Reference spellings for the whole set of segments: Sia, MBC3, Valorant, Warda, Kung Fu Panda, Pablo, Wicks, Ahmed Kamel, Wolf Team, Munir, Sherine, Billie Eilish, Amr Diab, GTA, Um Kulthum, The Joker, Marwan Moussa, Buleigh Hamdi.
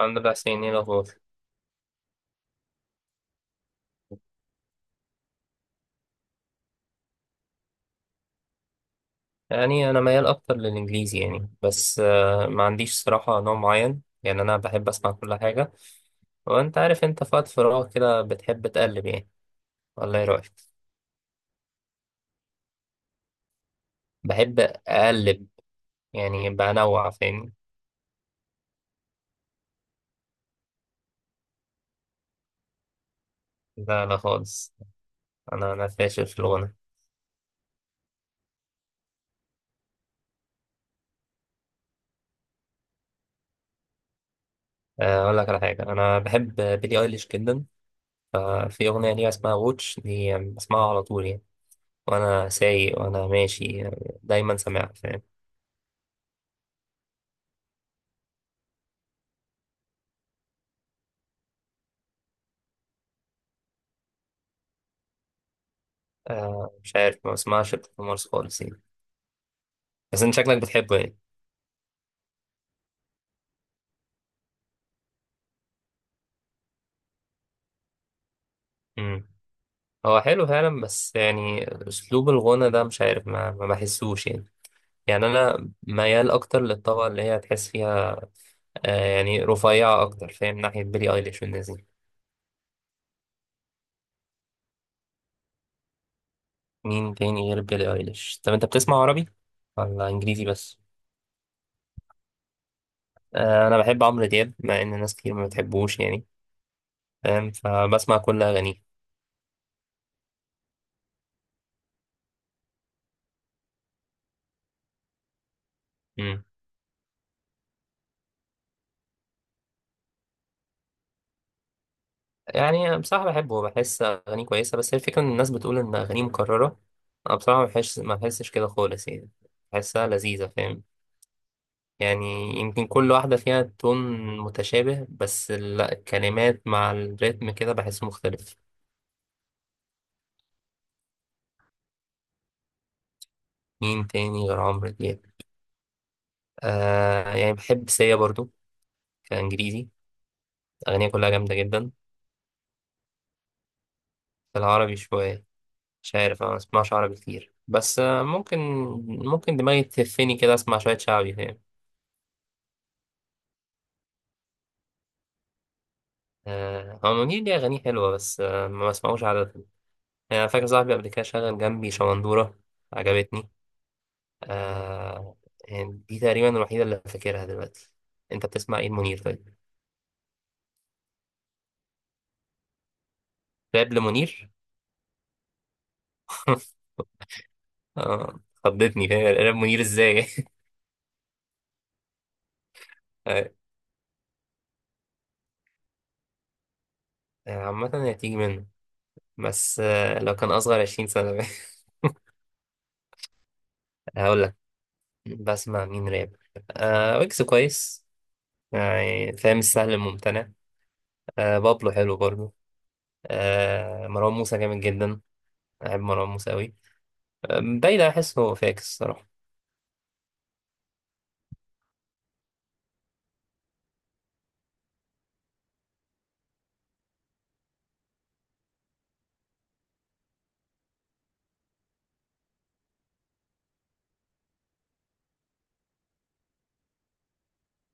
عن 4 سنين إيه الأخبار؟ يعني أنا ميال أكتر للإنجليزي يعني بس ما عنديش صراحة نوع معين يعني أنا بحب أسمع كل حاجة. وأنت عارف أنت في وقت فراغ كده بتحب تقلب يعني. والله إيه رأيك؟ بحب أقلب يعني بنوع فاهمني؟ لا لا خالص. أنا فاشل في الغنى. أقول لك على حاجة أنا بحب بيلي أيليش جدا. ففي أغنية ليها اسمها ووتش دي بسمعها على طول يعني، وأنا سايق وأنا ماشي يعني دايما سامعها فاهم؟ مش عارف ما بسمعش الحمص خالص يعني. بس انت شكلك بتحبه يعني. امم هو حلو فعلا بس يعني اسلوب الغنى ده مش عارف ما بحسوش يعني. يعني انا ميال اكتر للطبقه اللي هي تحس فيها. يعني رفيعه اكتر فاهم ناحيه بيلي ايليش والناس دي. مين تاني غير بيلي ايليش؟ طب انت بتسمع عربي ولا انجليزي بس؟ انا بحب عمرو دياب مع ان ناس كتير ما بتحبوش يعني فاهم، فبسمع كل اغانيه. يعني بصراحة بحبه، بحس أغانيه كويسة، بس هي الفكرة إن الناس بتقول إن أغانيه مكررة. أنا بصراحة ما بحسش كده خالص يعني. بحسها لذيذة فاهم؟ يعني يمكن كل واحدة فيها تون متشابه، بس لا الكلمات مع الريتم كده بحسه مختلف. مين تاني غير عمرو دياب؟ يعني بحب سيا برضو كإنجليزي. أغانيها كلها جامدة جدا. في العربي شوية؟ مش عارف أنا ما بسمعش عربي كتير بس ممكن دماغي تهفني كده أسمع شوية شعبي فاهم. هو منير ليه أغانيه حلوة بس ما بسمعوش عادة يعني. أنا فاكر صاحبي قبل كده شغل جنبي شمندورة، عجبتني. آه يعني دي تقريبا الوحيدة اللي فاكرها دلوقتي. أنت بتسمع إيه منير طيب؟ راب لمنير؟ خضتني فاهم راب منير إزاي؟ آه، عامة هي تيجي منه. بس لو كان أصغر 20 سنة. هقول لك. بسمع مين راب؟ ويكس كويس. يعني فاهم السهل الممتنع. بابلو حلو برضه. مروان موسى جامد جدا. بحب مروان موسى أوي. بايدة أحس هو فاكس الصراحة.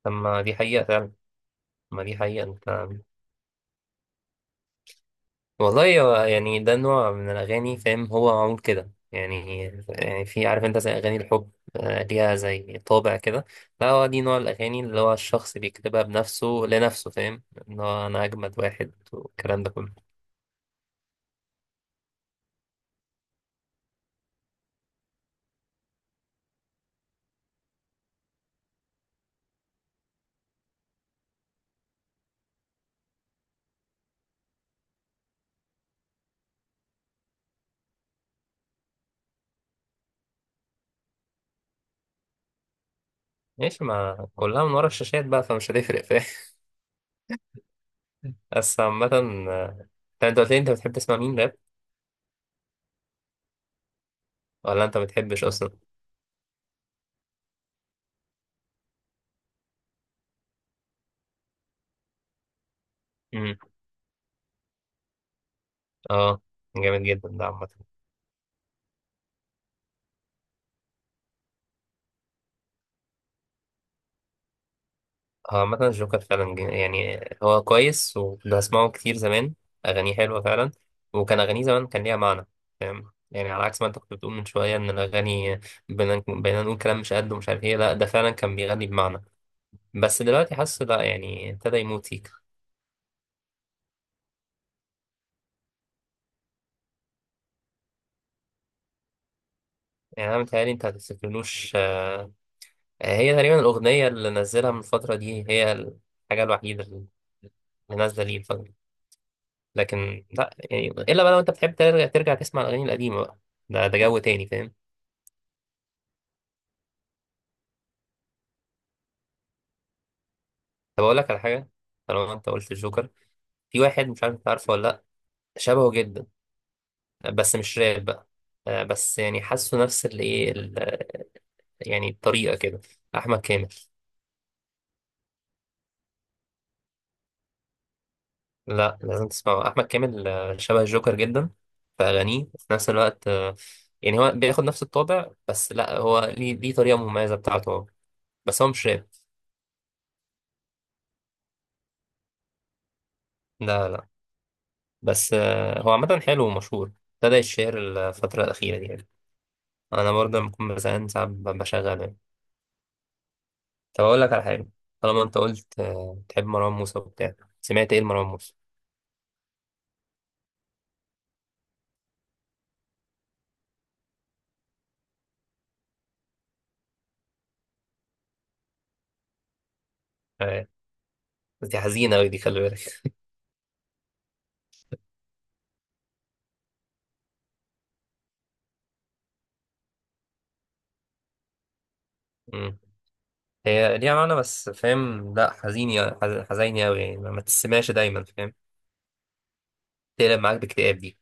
أما دي حقيقة فعلا. أما دي حقيقة أنت. والله هو يعني ده نوع من الأغاني فاهم، هو معمول كده يعني. يعني في عارف أنت زي أغاني الحب، ليها زي طابع كده. لا هو دي نوع الأغاني اللي هو الشخص بيكتبها بنفسه لنفسه فاهم، إن هو أنا أجمد واحد والكلام ده كله. ماشي ما كلها من ورا الشاشات بقى فمش هتفرق فاهم. بس عامة. آه، طب أنت قلت لي أنت بتحب تسمع مين راب؟ ولا أنت بتحبش أصلا؟ اه جامد جدا ده عامة. اه عامة الجوكر فعلا يعني هو كويس وكنت بسمعه كتير زمان. أغانيه حلوة فعلا. وكان أغانيه زمان كان ليها معنى فاهم، يعني على عكس ما أنت كنت بتقول من شوية إن الأغاني بقينا نقول كلام مش قد ومش عارف إيه. لا ده فعلا كان بيغني بمعنى. بس دلوقتي حاسه لا يعني ابتدى يموت سيكا يعني. أنا متهيألي أنت هتفتكرلوش. هي تقريبا الأغنية اللي نزلها من الفترة دي، هي الحاجة الوحيدة اللي نازلة ليه الفترة. لكن لا يعني الا بقى لو انت بتحب ترجع تسمع الاغاني القديمه بقى. ده جو تاني فاهم. طب اقول لك على حاجه. طالما انت قلت الجوكر، في واحد مش عارف انت عارفه ولا لا، شبهه جدا بس مش راب بقى. بس يعني حاسه نفس الايه يعني الطريقه كده. احمد كامل. لا لازم تسمعه، احمد كامل شبه الجوكر جدا في اغانيه. وفي نفس الوقت يعني هو بياخد نفس الطابع، بس لا هو ليه طريقه مميزه بتاعته هو. بس هو مش راب. لا لا. بس هو عامة حلو ومشهور، ابتدى يتشهر الفترة الأخيرة دي يعني. أنا برضه لما بكون بزهقان ساعات بشغله يعني. طب أقول لك على حاجة، طالما أنت قلت بتحب مروان موسى وبتاع، سمعت إيه لمروان موسى؟ آه، بس دي حزينة أوي، دي خلي بالك. مم. هي ليها معنى بس فاهم، لأ حزينة. حزينة أوي يعني ما تسمعش دايما فاهم، تقلب معاك باكتئاب دي.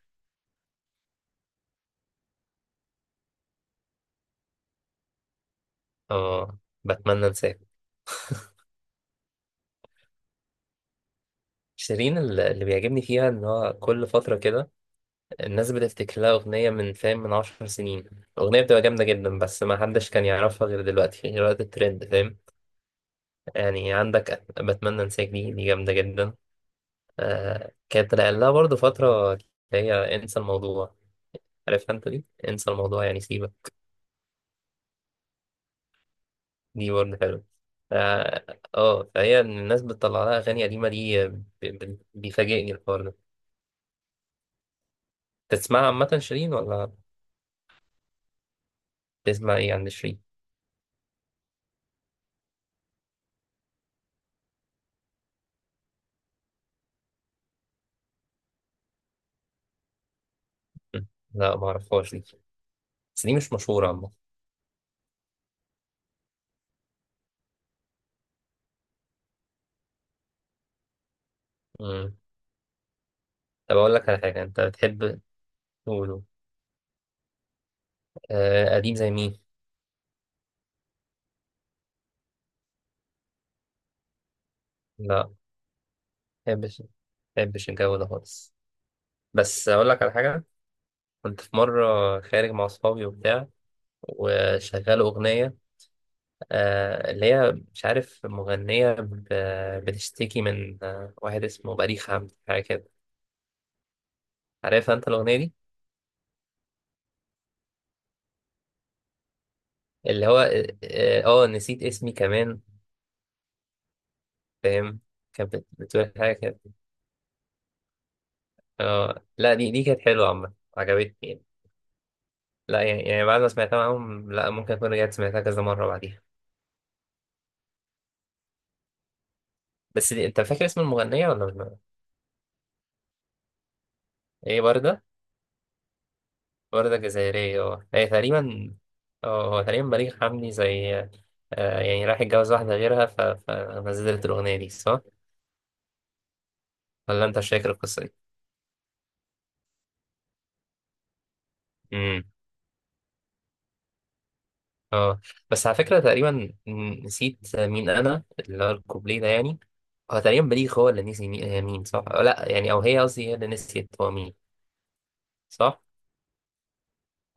أه بتمنى أنساك. شيرين اللي بيعجبني فيها إن هو كل فترة كده الناس بتفتكر لها أغنية من فاهم من 10 سنين، الأغنية بتبقى جامدة جدا، بس ما حدش كان يعرفها غير دلوقتي غير وقت الترند فاهم. يعني عندك بتمنى أنساك، دي جامدة جدا. كانت رقل لها برضه فترة، اللي هي انسى الموضوع. عارفها أنت دي؟ انسى الموضوع يعني سيبك. دي برضه حلوة. اه. فهي الناس بتطلع لها أغاني قديمة دي بيفاجئني الحوار ده. تسمعها عامة شيرين ولا؟ بتسمع إيه عند شيرين؟ م. لا معرفهاش دي، بس دي مش مشهورة عامة. طب أقول لك على حاجة أنت بتحب تقوله. آه قديم زي مين؟ لا ما بحبش الجو ده خالص. بس أقول لك على حاجة. كنت في مرة خارج مع أصحابي وبتاع، وشغال أغنية اللي هي مش عارف مغنية بتشتكي من واحد اسمه بليغ حمدي حاجة كده. عارف أنت الأغنية دي؟ اللي هو نسيت اسمي كمان فاهم؟ كانت بتقول حاجة كده. لا دي كانت حلوة عامة عجبتني يعني. لا يعني بعد ما سمعتها معاهم، لا ممكن أكون رجعت سمعتها كذا مرة بعديها. بس دي أنت فاكر اسم المغنية ولا لا؟ هي وردة. وردة جزائرية اه هي تقريبا. اه هو تقريبا بليغ حمدي زي يعني راح يتجوز واحدة غيرها فنزلت الأغنية دي صح؟ ولا أنت مش فاكر القصة دي؟ امم اه بس على فكرة تقريبا، نسيت مين أنا اللي هو الكوبليه ده يعني. هو تقريبا بليغ هو اللي نسي مين هي، مين صح؟ أو لا يعني، أو هي قصدي هي اللي نسيت هو مين، صح؟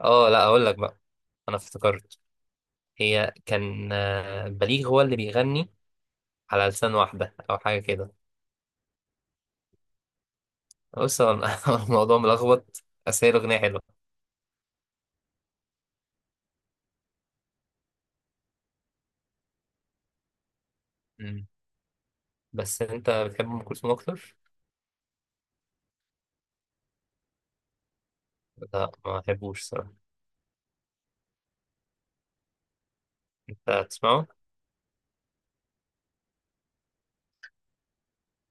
اه لا أقول لك بقى، أنا افتكرت. هي كان بليغ هو اللي بيغني على لسان واحدة أو حاجة كده. بص هو الموضوع ملخبط، بس هي الأغنية حلوة. مم. بس أنت بتحب أم كلثوم أكتر؟ لا ما بحبوش صراحة. أنت تسمعه؟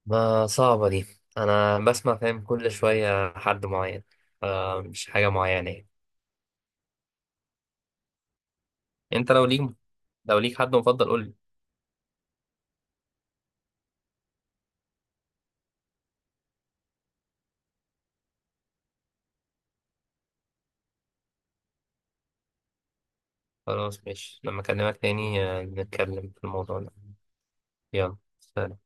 ما صعبة دي. أنا بسمع فاهم كل شوية حد معين. مش حاجة معينة يعني. أنت لو ليك حد مفضل قولي. خلاص ماشي، لما أكلمك تاني نتكلم في الموضوع ده. يلا سلام.